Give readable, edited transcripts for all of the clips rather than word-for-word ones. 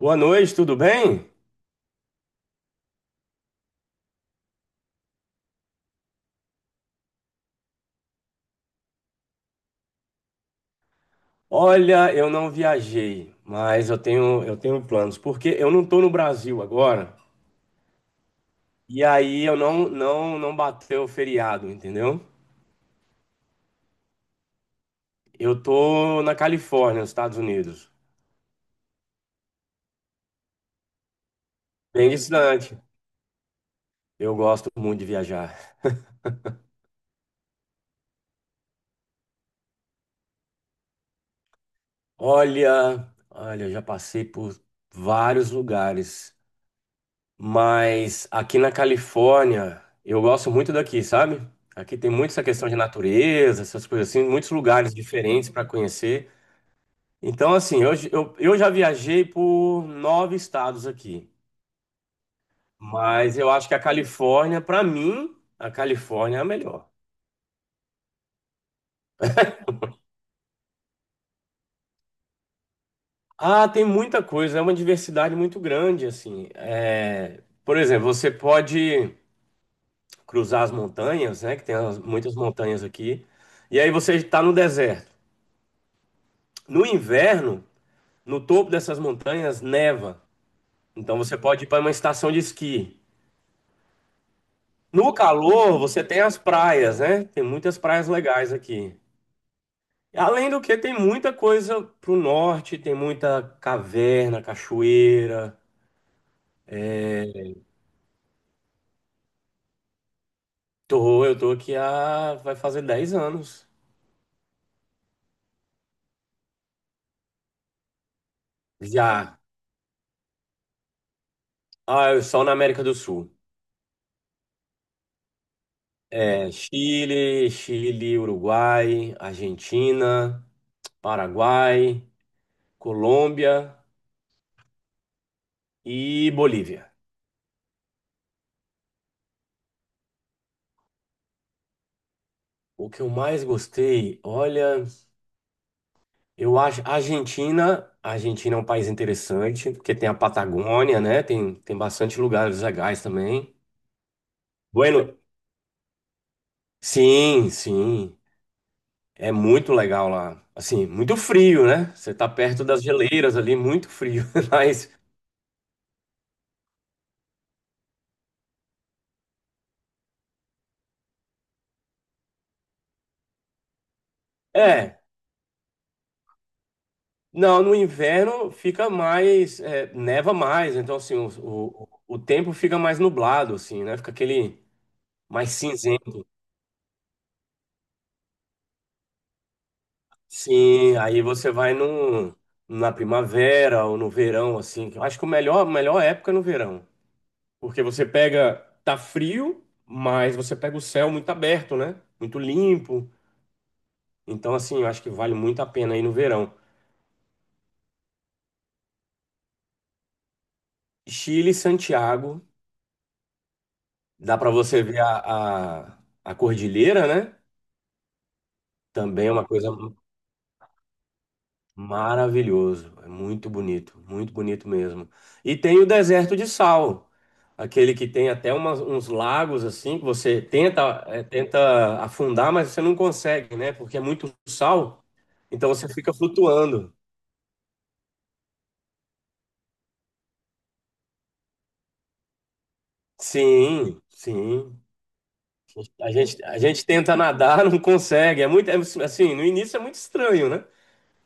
Boa noite, tudo bem? Olha, eu não viajei, mas eu tenho planos, porque eu não estou no Brasil agora, e aí eu não bateu o feriado, entendeu? Eu estou na Califórnia, nos Estados Unidos, bem distante. Eu gosto muito de viajar. Olha, eu já passei por vários lugares. Mas aqui na Califórnia, eu gosto muito daqui, sabe? Aqui tem muito essa questão de natureza, essas coisas assim, muitos lugares diferentes para conhecer. Então, assim, eu já viajei por nove estados aqui, mas eu acho que a Califórnia, para mim, a Califórnia é a melhor. Ah, tem muita coisa, é uma diversidade muito grande, assim. É, por exemplo, você pode cruzar as montanhas, né? Que tem muitas montanhas aqui, e aí você está no deserto. No inverno, no topo dessas montanhas neva. Então você pode ir para uma estação de esqui. No calor, você tem as praias, né? Tem muitas praias legais aqui. Além do que, tem muita coisa pro norte, tem muita caverna, cachoeira. Tô, eu tô aqui há, vai fazer 10 anos. Já. Ah, eu só na América do Sul. É Chile, Uruguai, Argentina, Paraguai, Colômbia e Bolívia. O que eu mais gostei, olha, eu acho a Argentina é um país interessante, porque tem a Patagônia, né? Tem bastante lugares legais também. Bueno, sim, sim, é muito legal lá. Assim, muito frio, né? Você tá perto das geleiras ali, muito frio, mas é, não, no inverno fica mais, neva mais, então assim, o tempo fica mais nublado, assim, né? Fica aquele mais cinzento. Sim, aí você vai na primavera ou no verão, assim. Eu acho que a melhor época é no verão. Porque você pega, tá frio, mas você pega o céu muito aberto, né? Muito limpo. Então, assim, eu acho que vale muito a pena ir no verão. Chile e Santiago, dá pra você ver a cordilheira, né? Também é uma coisa. Maravilhoso, é muito bonito mesmo. E tem o deserto de sal, aquele que tem até uns lagos assim que você tenta afundar, mas você não consegue, né? Porque é muito sal, então você fica flutuando. Sim, sim. A gente tenta nadar, não consegue. É assim, no início é muito estranho, né?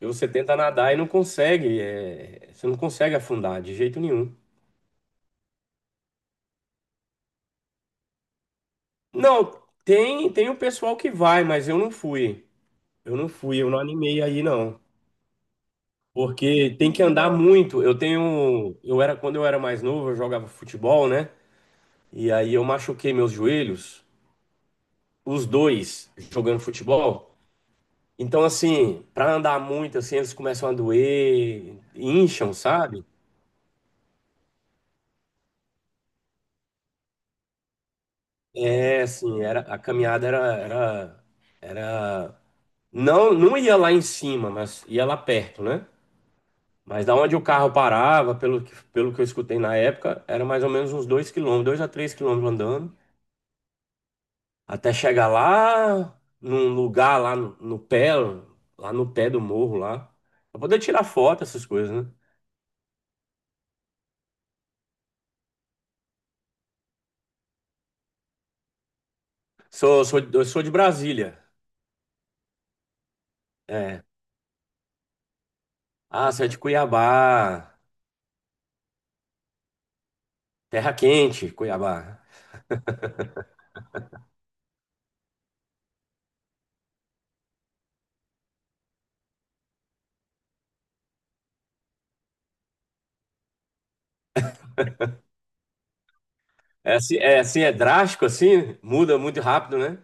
E você tenta nadar e não consegue, você não consegue afundar de jeito nenhum. Não, tem o pessoal que vai, mas eu não fui. Eu não fui, eu não animei aí não. Porque tem que andar muito. Eu era quando eu era mais novo, eu jogava futebol, né? E aí eu machuquei meus joelhos, os dois jogando futebol. Então assim, pra andar muito assim, eles começam a doer, incham, sabe? É, assim, era a caminhada era era era não não ia lá em cima, mas ia lá perto, né? Mas da onde o carro parava, pelo que eu escutei na época, era mais ou menos uns 2 km, 2 a 3 km andando, até chegar lá num lugar lá no pé, lá no pé do morro lá, pra poder tirar foto, essas coisas, né? Sou, sou, eu sou de Brasília. É. Ah, você é de Cuiabá. Terra quente, Cuiabá. É assim, é drástico assim, muda muito rápido, né?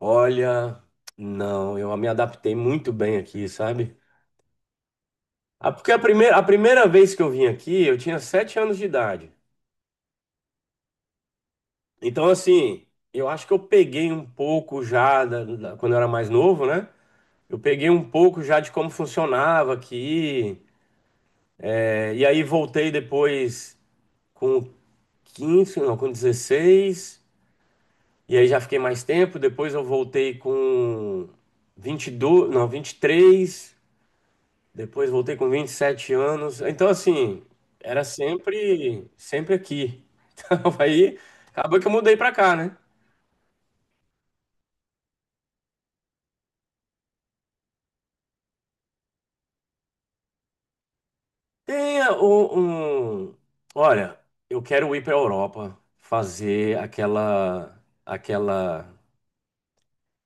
Olha, não, eu me adaptei muito bem aqui, sabe? Ah, porque a primeira vez que eu vim aqui, eu tinha 7 anos de idade. Então, assim, eu acho que eu peguei um pouco já, quando eu era mais novo, né? Eu peguei um pouco já de como funcionava aqui. É, e aí voltei depois com 15 não, com 16. E aí já fiquei mais tempo. Depois eu voltei com 22 não, 23. Depois voltei com 27 anos. Então, assim, era sempre, sempre aqui. Então, aí, acabou que eu mudei pra cá, né? Tem a- o- um, Olha, eu quero ir pra Europa fazer aquela, aquela,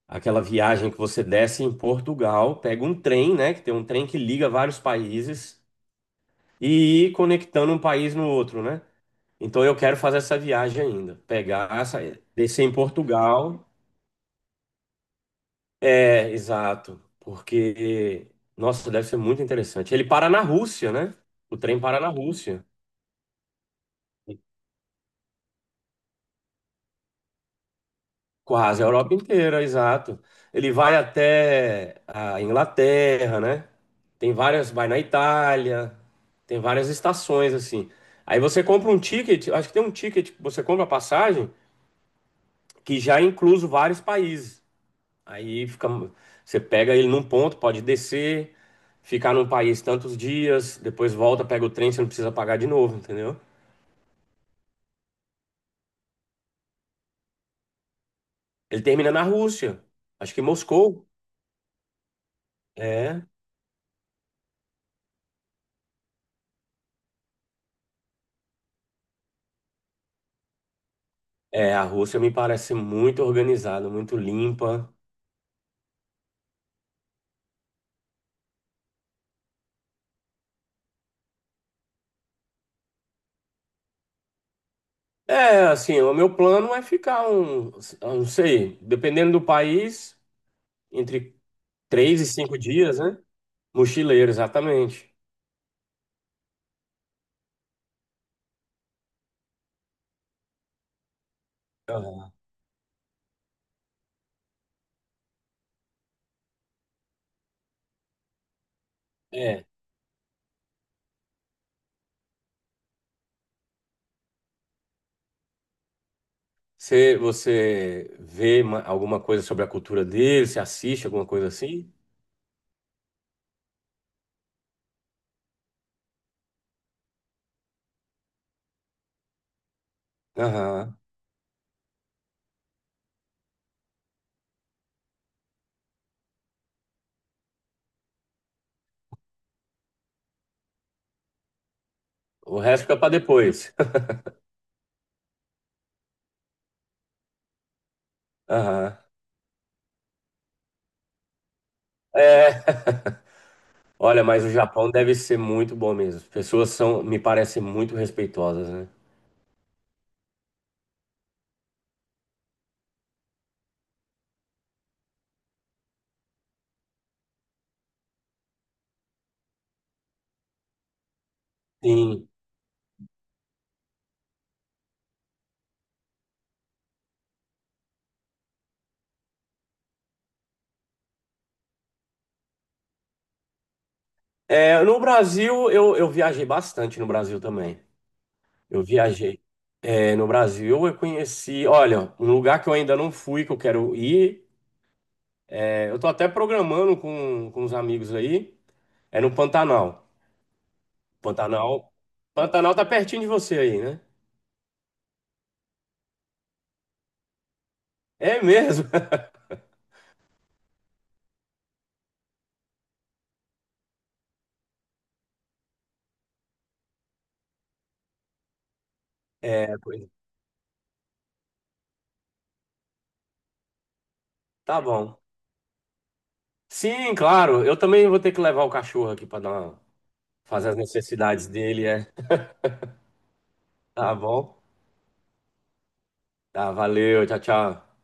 aquela viagem que você desce em Portugal, pega um trem, né? Que tem um trem que liga vários países e ir conectando um país no outro, né? Então, eu quero fazer essa viagem ainda. Pegar, descer em Portugal. É, exato. Porque, nossa, deve ser muito interessante. Ele para na Rússia, né? O trem para na Rússia. Quase a Europa inteira, exato. Ele vai até a Inglaterra, né? Tem várias, vai na Itália, tem várias estações assim. Aí você compra um ticket, acho que tem um ticket, que você compra a passagem que já é incluso vários países. Aí fica, você pega ele num ponto, pode descer, ficar num país tantos dias, depois volta, pega o trem, você não precisa pagar de novo, entendeu? Ele termina na Rússia, acho que em Moscou. É, é, a Rússia me parece muito organizada, muito limpa. É, assim, o meu plano é ficar eu não sei, dependendo do país, entre 3 e 5 dias, né? Mochileiro, exatamente. Aham. É. Você vê alguma coisa sobre a cultura dele? Você assiste alguma coisa assim? Aham. O resto fica para depois. Aham. É. Olha, mas o Japão deve ser muito bom mesmo. As pessoas são, me parecem muito respeitosas, né? Sim. É, no Brasil, eu viajei bastante no Brasil também. Eu viajei. É, no Brasil, eu conheci. Olha, um lugar que eu ainda não fui, que eu quero ir. Eu tô até programando com os amigos aí. É no Pantanal. Pantanal. Pantanal tá pertinho de você aí, né? É mesmo? Coisa. Tá bom. Sim, claro. Eu também vou ter que levar o cachorro aqui para dar fazer as necessidades dele. Tá bom? Tá, valeu. Tchau, tchau.